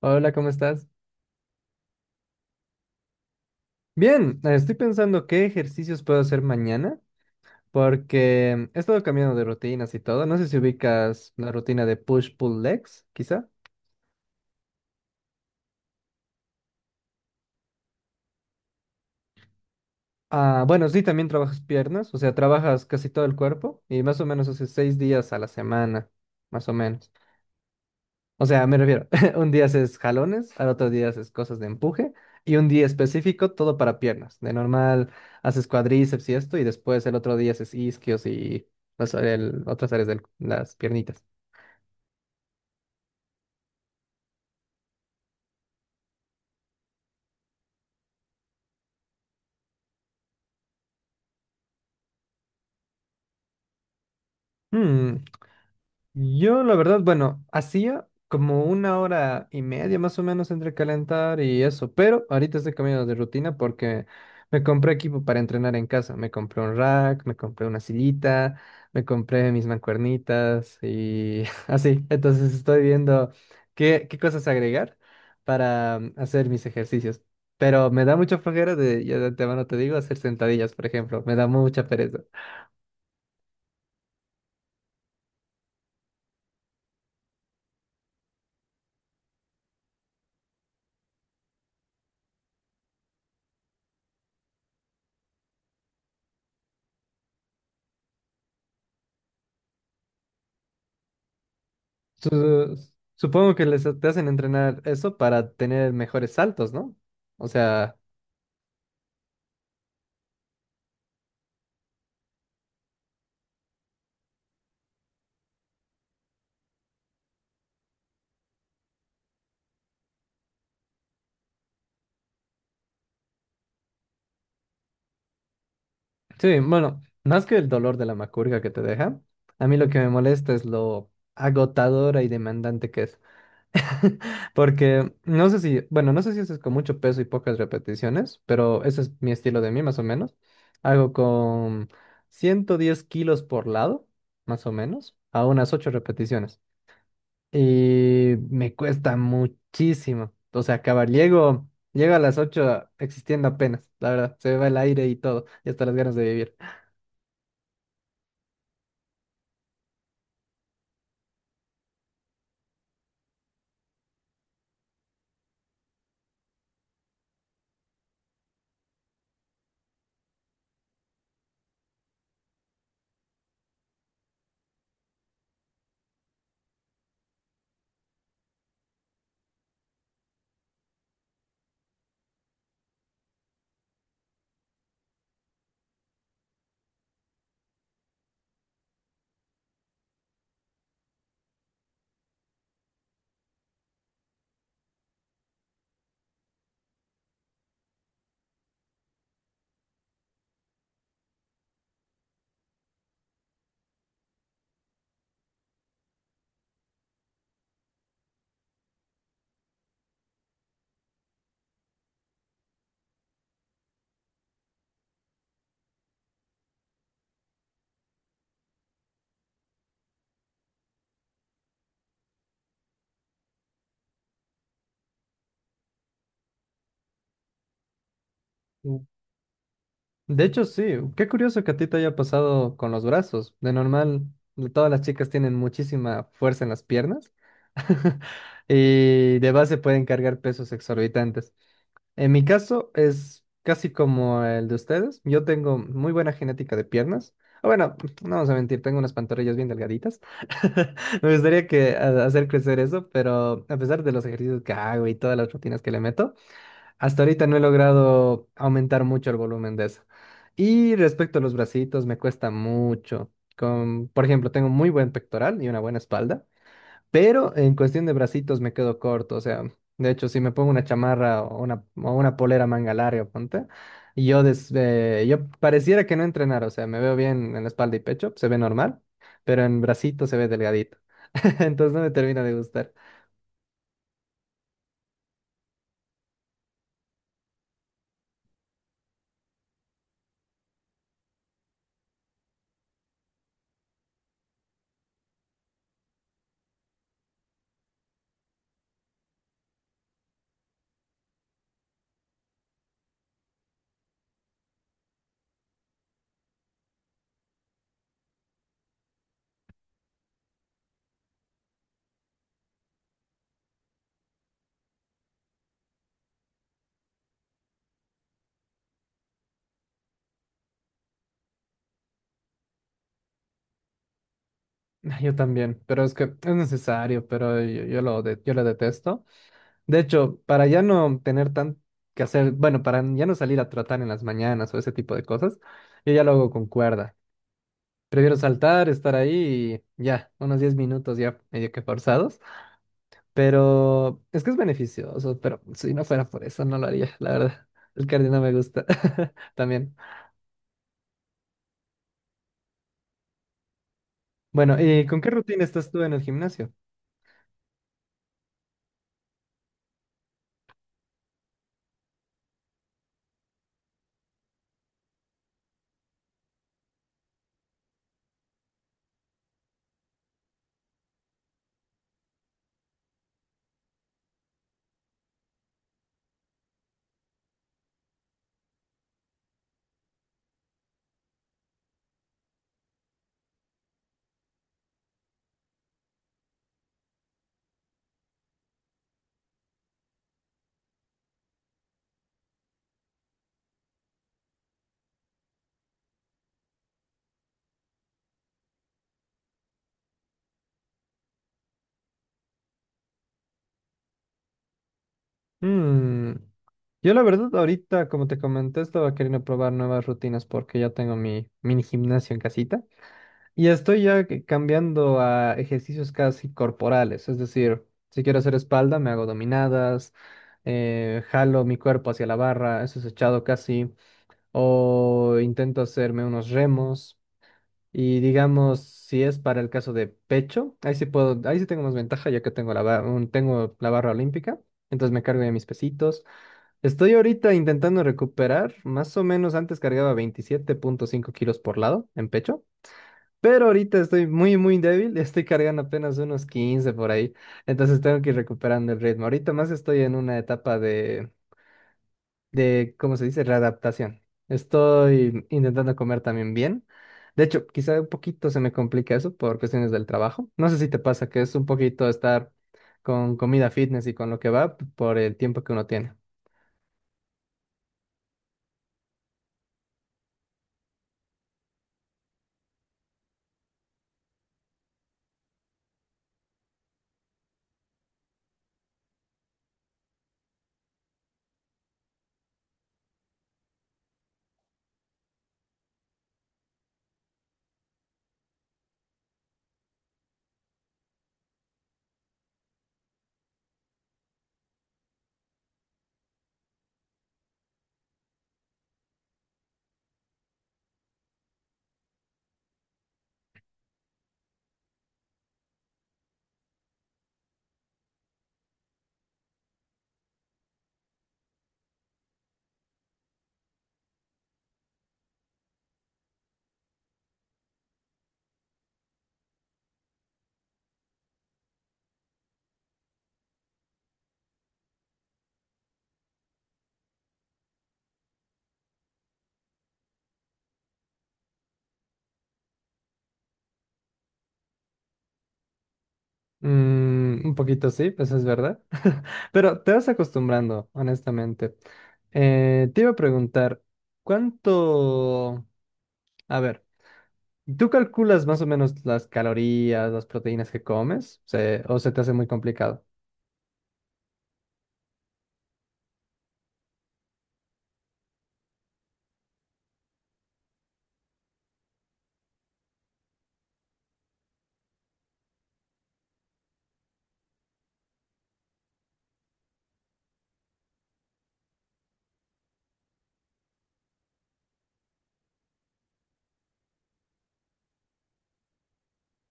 Hola, ¿cómo estás? Bien, estoy pensando qué ejercicios puedo hacer mañana porque he estado cambiando de rutinas y todo. No sé si ubicas la rutina de push-pull legs, quizá. Ah, bueno, sí, también trabajas piernas, o sea, trabajas casi todo el cuerpo y más o menos hace 6 días a la semana, más o menos. O sea, me refiero, un día haces jalones, al otro día haces cosas de empuje y un día específico todo para piernas. De normal haces cuadríceps y esto y después el otro día haces isquios y otras áreas de las piernitas. Yo, la verdad, bueno, hacía como una hora y media más o menos entre calentar y eso, pero ahorita estoy cambiando de rutina porque me compré equipo para entrenar en casa. Me compré un rack, me compré una sillita, me compré mis mancuernitas y así. Entonces estoy viendo qué cosas agregar para hacer mis ejercicios. Pero me da mucha flojera de, ya de antemano te digo, hacer sentadillas, por ejemplo. Me da mucha pereza. Su- Supongo que les te hacen entrenar eso para tener mejores saltos, ¿no? O sea, sí, bueno, más que el dolor de la macurga que te deja, a mí lo que me molesta es lo agotadora y demandante que es. Porque no sé si, bueno, no sé si haces con mucho peso y pocas repeticiones, pero ese es mi estilo de mí, más o menos. Hago con 110 kilos por lado, más o menos, a unas 8 repeticiones. Y me cuesta muchísimo. O sea, acabar. Llego a las 8 existiendo apenas, la verdad. Se me va el aire y todo. Y hasta las ganas de vivir. Mm. De hecho, sí. Qué curioso que a ti te haya pasado con los brazos. De normal, todas las chicas tienen muchísima fuerza en las piernas. Y de base pueden cargar pesos exorbitantes. En mi caso es casi como el de ustedes. Yo tengo muy buena genética de piernas. Ah, bueno, no vamos a mentir, tengo unas pantorrillas bien delgaditas. Me gustaría hacer crecer eso, pero a pesar de los ejercicios que hago y todas las rutinas que le meto, hasta ahorita no he logrado aumentar mucho el volumen de eso. Y respecto a los bracitos, me cuesta mucho. Con, por ejemplo, tengo muy buen pectoral y una buena espalda. Pero en cuestión de bracitos me quedo corto, o sea, de hecho, si me pongo una chamarra o una polera manga larga, ponte, y yo, yo pareciera que no entrenar, o sea, me veo bien en la espalda y pecho, se ve normal, pero en bracito se ve delgadito, entonces no me termina de gustar. Ah, yo también, pero es que es necesario, pero yo lo detesto. De hecho, para ya no tener tan que hacer, bueno, para ya no salir a trotar en las mañanas o ese tipo de cosas, yo ya lo hago con cuerda. Prefiero saltar, estar ahí y ya, unos 10 minutos ya medio que forzados. Pero es que es beneficioso, pero si no fuera por eso no lo haría, la verdad. El cardio no me gusta también. Bueno, ¿y con qué rutina estás tú en el gimnasio? Mm, Yo la verdad ahorita, como te comenté, estaba queriendo probar nuevas rutinas porque ya tengo mi mini gimnasio en casita. Y estoy ya cambiando a ejercicios casi corporales, es decir, si quiero hacer espalda, me hago dominadas, jalo mi cuerpo hacia la barra, eso es echado casi, o intento hacerme unos remos. Y digamos, si es para el caso de pecho, ahí sí puedo, ahí sí tengo más ventaja ya que tengo tengo la barra olímpica, entonces me cargo ya mis pesitos. Estoy ahorita intentando recuperar, más o menos antes cargaba 27,5 kilos por lado en pecho. Pero ahorita estoy muy, muy débil, estoy cargando apenas unos 15 por ahí, entonces tengo que ir recuperando el ritmo. Ahorita más estoy en una etapa de, ¿cómo se dice? Readaptación. Estoy intentando comer también bien. De hecho, quizá un poquito se me complica eso por cuestiones del trabajo. No sé si te pasa que es un poquito estar con comida fitness y con lo que va por el tiempo que uno tiene. Un poquito sí, pues es verdad. Pero te vas acostumbrando, honestamente. Te iba a preguntar, ¿cuánto... A ver, ¿tú calculas más o menos las calorías, las proteínas que comes? ¿O se te hace muy complicado?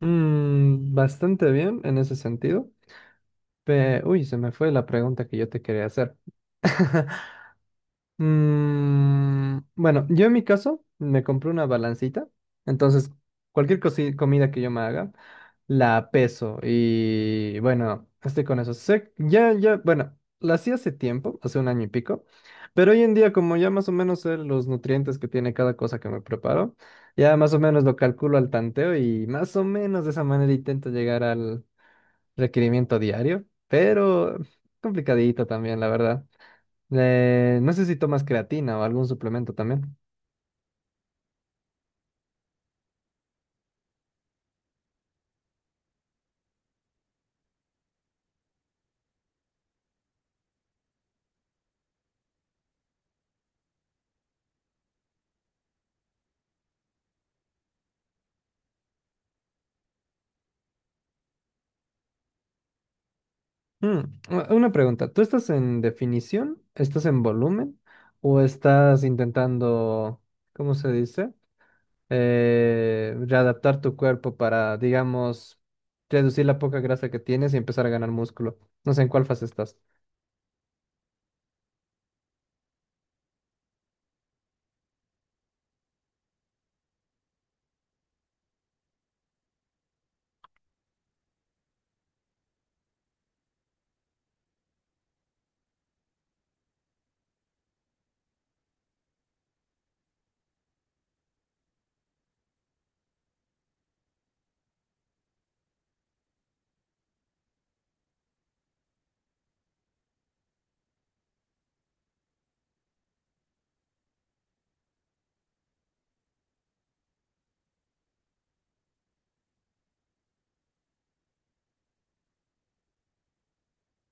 Bastante bien en ese sentido. Uy, se me fue la pregunta que yo te quería hacer. Bueno, yo en mi caso me compré una balancita, entonces comida que yo me haga, la peso y bueno, estoy con eso. Ya, ya, bueno, la hacía hace tiempo, hace un año y pico, pero hoy en día como ya más o menos sé los nutrientes que tiene cada cosa que me preparo, ya más o menos lo calculo al tanteo y más o menos de esa manera intento llegar al requerimiento diario, pero complicadito también, la verdad. No sé si tomas creatina o algún suplemento también. Mm, una pregunta, ¿tú estás en definición? ¿Estás en volumen? ¿O estás intentando? ¿Cómo se dice? Readaptar tu cuerpo para, digamos, reducir la poca grasa que tienes y empezar a ganar músculo. No sé en cuál fase estás.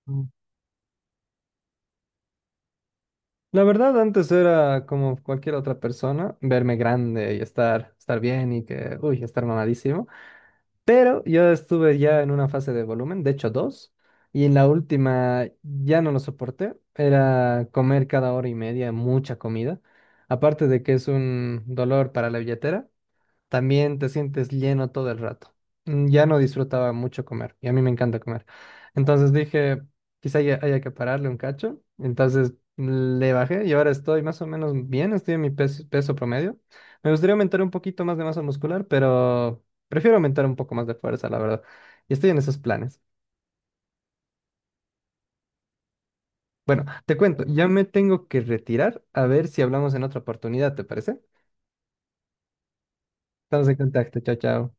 Mm. La verdad, antes era como cualquier otra persona, verme grande y estar bien y que, uy, estar mamadísimo. Pero yo estuve ya en una fase de volumen, de hecho dos, y en la última ya no lo soporté. Era comer cada hora y media mucha comida. Aparte de que es un dolor para la billetera, también te sientes lleno todo el rato. Ya no disfrutaba mucho comer y a mí me encanta comer. Entonces dije, haya que pararle un cacho. Entonces le bajé y ahora estoy más o menos bien, estoy en mi peso, peso promedio. Me gustaría aumentar un poquito más de masa muscular, pero prefiero aumentar un poco más de fuerza, la verdad. Y estoy en esos planes. Te cuento, ya me tengo que retirar a ver si hablamos en otra oportunidad, ¿te parece? Estamos en contacto, chao, chao.